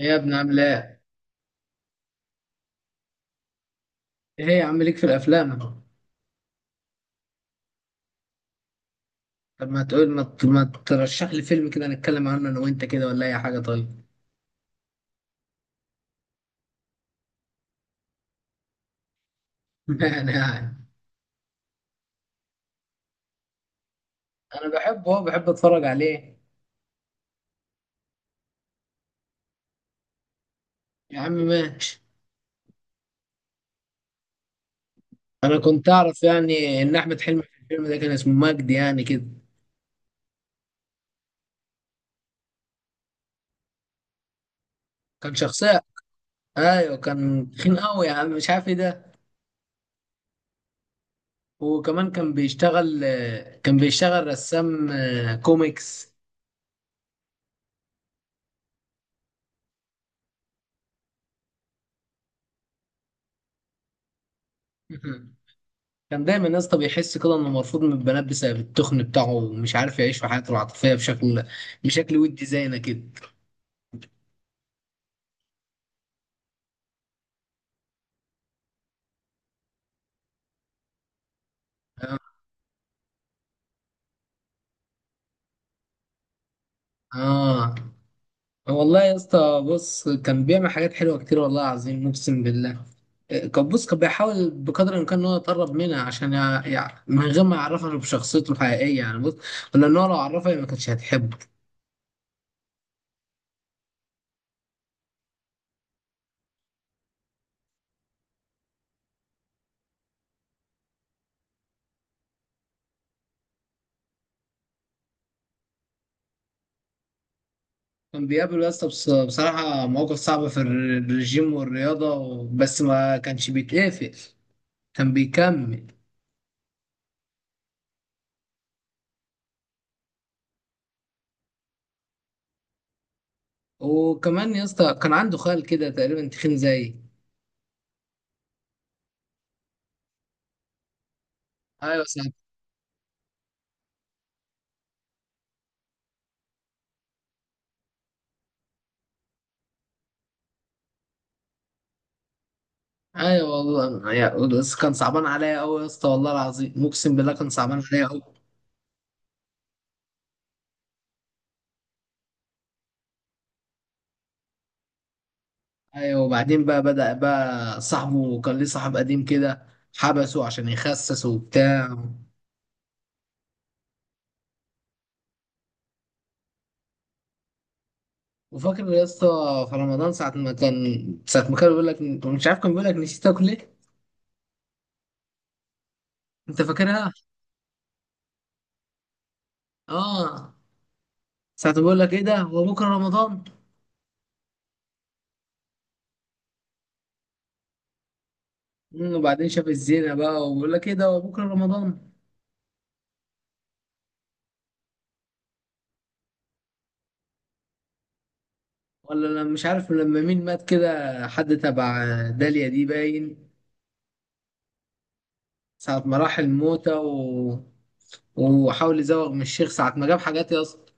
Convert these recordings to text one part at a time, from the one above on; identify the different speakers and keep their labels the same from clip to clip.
Speaker 1: ايه يا ابني عامل ايه؟ ايه يا عم ليك في الافلام؟ طب ما تقول ما ترشح لي فيلم كده نتكلم عنه انا وانت كده ولا اي حاجه طيب. يعني، انا بحبه، هو بحب اتفرج عليه. يا عم ماشي. انا كنت اعرف يعني ان احمد حلمي في الفيلم ده كان اسمه مجدي يعني كده. كان شخصيه، ايوه كان تخين قوي يا عم، مش عارف ايه ده. وكمان كان بيشتغل، كان بيشتغل رسام كوميكس. كان دايما يا اسطى بيحس كده انه مرفوض من البنات بسبب التخن بتاعه ومش عارف يعيش في حياته العاطفيه بشكل ودي زينا كده. اه والله يا اسطى بص، كان بيعمل حاجات حلوه كتير والله العظيم اقسم بالله. كان، بص كان بيحاول بقدر الامكان ان هو يتقرب منها عشان من غير ما يعرفها بشخصيته الحقيقيه، يعني بص، لان هو لو عرفها هي ما كانتش هتحبه. كان بيقابل يا اسطى بصراحه مواقف صعبه في الرجيم والرياضه، بس ما كانش بيتقفل، كان بيكمل. وكمان يا اسطى كان عنده خال كده تقريبا تخين زيي. ايوه صعب. ايوه والله بس كان صعبان عليا قوي يا اسطى، والله العظيم اقسم بالله كان صعبان عليا قوي. ايوه وبعدين بقى، بدأ بقى صاحبه، كان ليه صاحب قديم كده، حبسه عشان يخسس وبتاع. وفاكر يا اسطى في رمضان ساعة ما كان بيقول لك مش عارف، كان بيقول لك نسيت تاكل ايه؟ انت فاكرها؟ اه، ساعة ما بيقول لك ايه ده، هو بكره رمضان. وبعدين شاف الزينة بقى وبيقول لك ايه ده، هو بكره رمضان. ولا انا مش عارف لما مين مات كده، حد تبع داليا دي، باين. ساعة ما راح الموتة و... وحاول يزوغ من الشيخ ساعة ما جاب حاجات يا اسطى.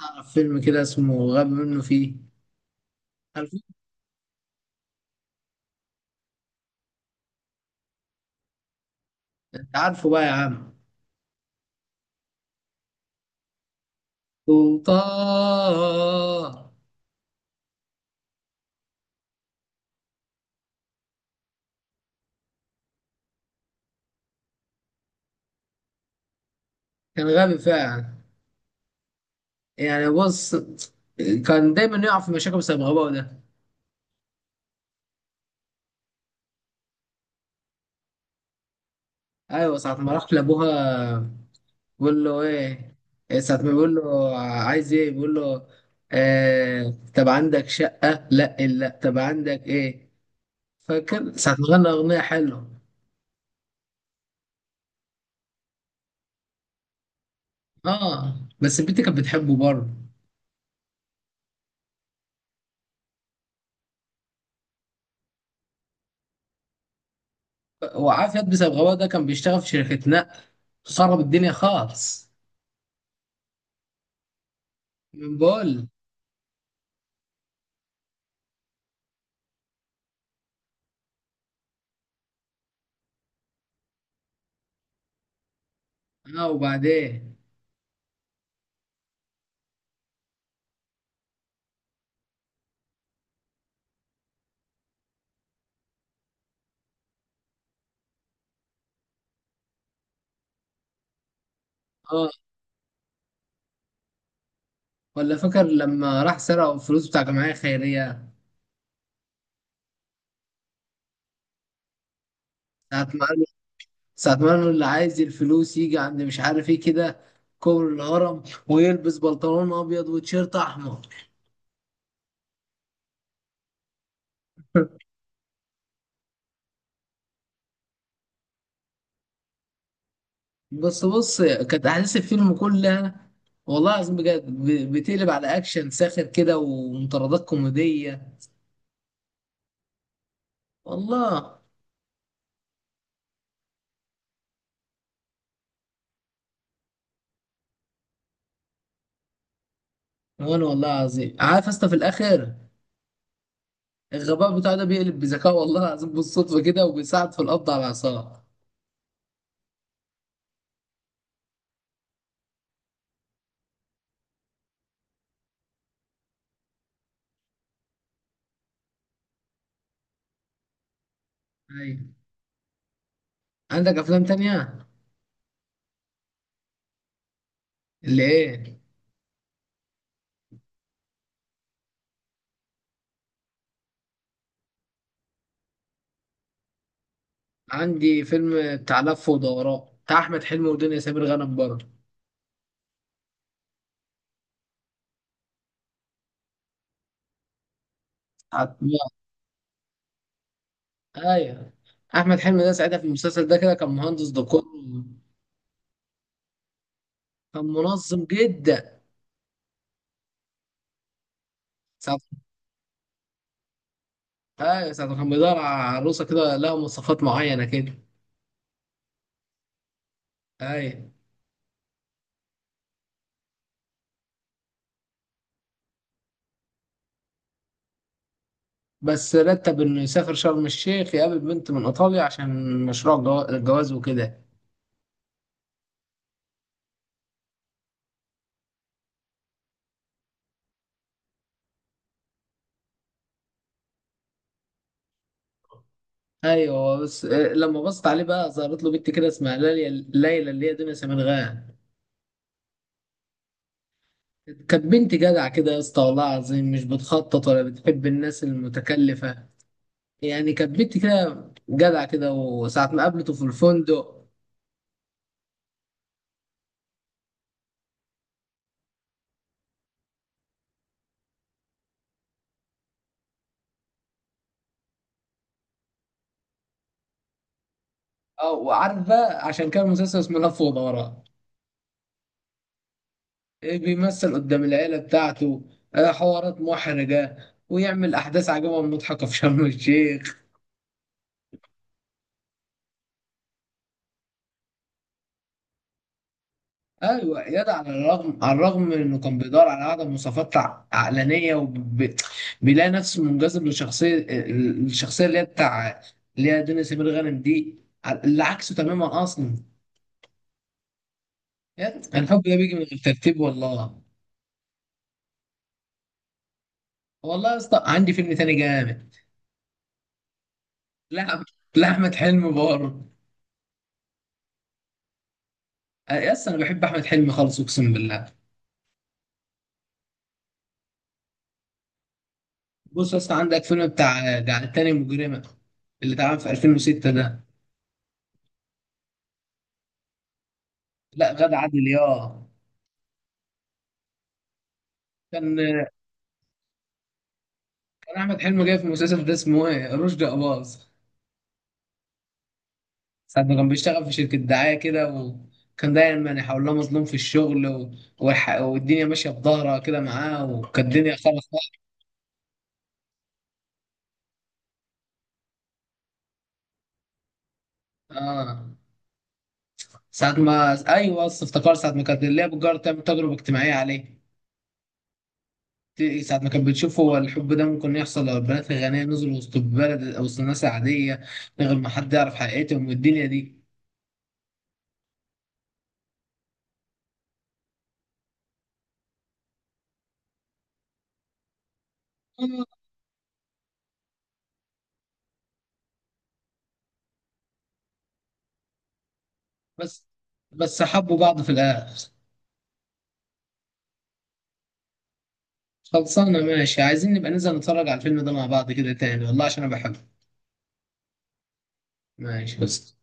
Speaker 1: تعرف فيلم كده اسمه غاب منه فيه؟ عارفه. انت عارفه بقى يا عم؟ سلطان. كان غبي فعلا. يعني بص، كان دايما يقع في مشاكل بسبب غباءه ده. ايوه ساعة ما راح لابوها بيقول له ايه، إيه ساعة ما بيقول له عايز ايه بيقول له آه، طب عندك شقة، لا لا طب عندك ايه. فاكر ساعة ما غنى أغنية حلوة؟ اه بس البنت كانت بتحبه برضه. وعافية بسبب غباء ده، كان بيشتغل في شركة نقل، خرب الدنيا خالص من بول. اه وبعدين. اه ولا فاكر لما راح سرق الفلوس بتاع جمعية خيرية؟ ساعة ما ساعة ما قالوا اللي عايز الفلوس يجي عند مش عارف ايه كده، كوبري الهرم، ويلبس بنطلون ابيض وتيشيرت احمر. بس بص، كانت احداث الفيلم كلها والله العظيم بجد بتقلب على اكشن ساخر كده ومطاردات كوميديه. والله. وانا والله العظيم عارف اصلا في الاخر الغباء بتاعه ده بيقلب بذكاء، والله العظيم بالصدفه كده، وبيساعد في القبض على العصابه. ايوه. عندك افلام تانية؟ اللي ايه؟ عندي فيلم بتاع لف ودوران بتاع احمد حلمي ودنيا سمير غانم برضه. هتموت. ايوه. احمد حلمي ده ساعتها في المسلسل ده كده كان مهندس ديكور، كان منظم جدا. ساعة، ايوه ساعة ما كان بيدور على عروسة كده لها مواصفات معينة كده. ايوه. بس رتب انه يسافر شرم الشيخ يقابل بنت من ايطاليا عشان مشروع الجواز وكده. ايوه بس لما بصت عليه بقى ظهرت له بنت كده اسمها ليلى، اللي هي دنيا سمير غانم. كانت بنت جدع كده يا اسطى، والله العظيم مش بتخطط ولا بتحب الناس المتكلفة، يعني كانت بنت كده جدع كده. وساعة ما قابلته في الفندق. اه، وعارف بقى عشان كان المسلسل اسمه لف ودوران، إيه، بيمثل قدام العيلة بتاعته حوارات محرجة، ويعمل أحداث عجيبة ومضحكة في شرم الشيخ. ايوه اياد، على الرغم من انه كان بيدور على اعلى مواصفات عقلانيه، وبيلاقي نفسه منجذب لشخصيه الشخصيه اللي هي بتاع، اللي هي دنيا سمير غانم دي، اللي عكسه تماما اصلا. الحب ده بيجي من الترتيب والله. والله يا اسطى عندي فيلم تاني جامد. لا، لاحمد حلمي برضه. يا اسطى انا بحب احمد حلمي خالص اقسم بالله. بص يا اسطى عندك فيلم بتاع جعلتني مجرمه اللي اتعمل في 2006 ده. لا غادة عادل ياه. كان كان احمد حلمي جاي في المسلسل ده اسمه ايه، رشدي اباظ. ساعة ما كان بيشتغل في شركة دعاية كده، وكان دايما يحاول له مظلوم في الشغل و... والدنيا ماشية في ظهرها كده معاه، وكانت الدنيا خالص. اه ساعة ما، ايوه بس افتكر ساعة ما كانت اللي هي بتجرب تعمل تجربة اجتماعية عليه. ساعة ما كانت بتشوف هو الحب ده ممكن يحصل لو البنات الغنية نزلوا وسط البلد وسط الناس العادية من غير ما حد يعرف حقيقتهم والدنيا دي. آه، بس بس حبوا بعض في الآخر. خلصانة ماشي، عايزين نبقى ننزل نتفرج على الفيلم ده مع بعض كده تاني والله عشان أنا بحبه. ماشي بس.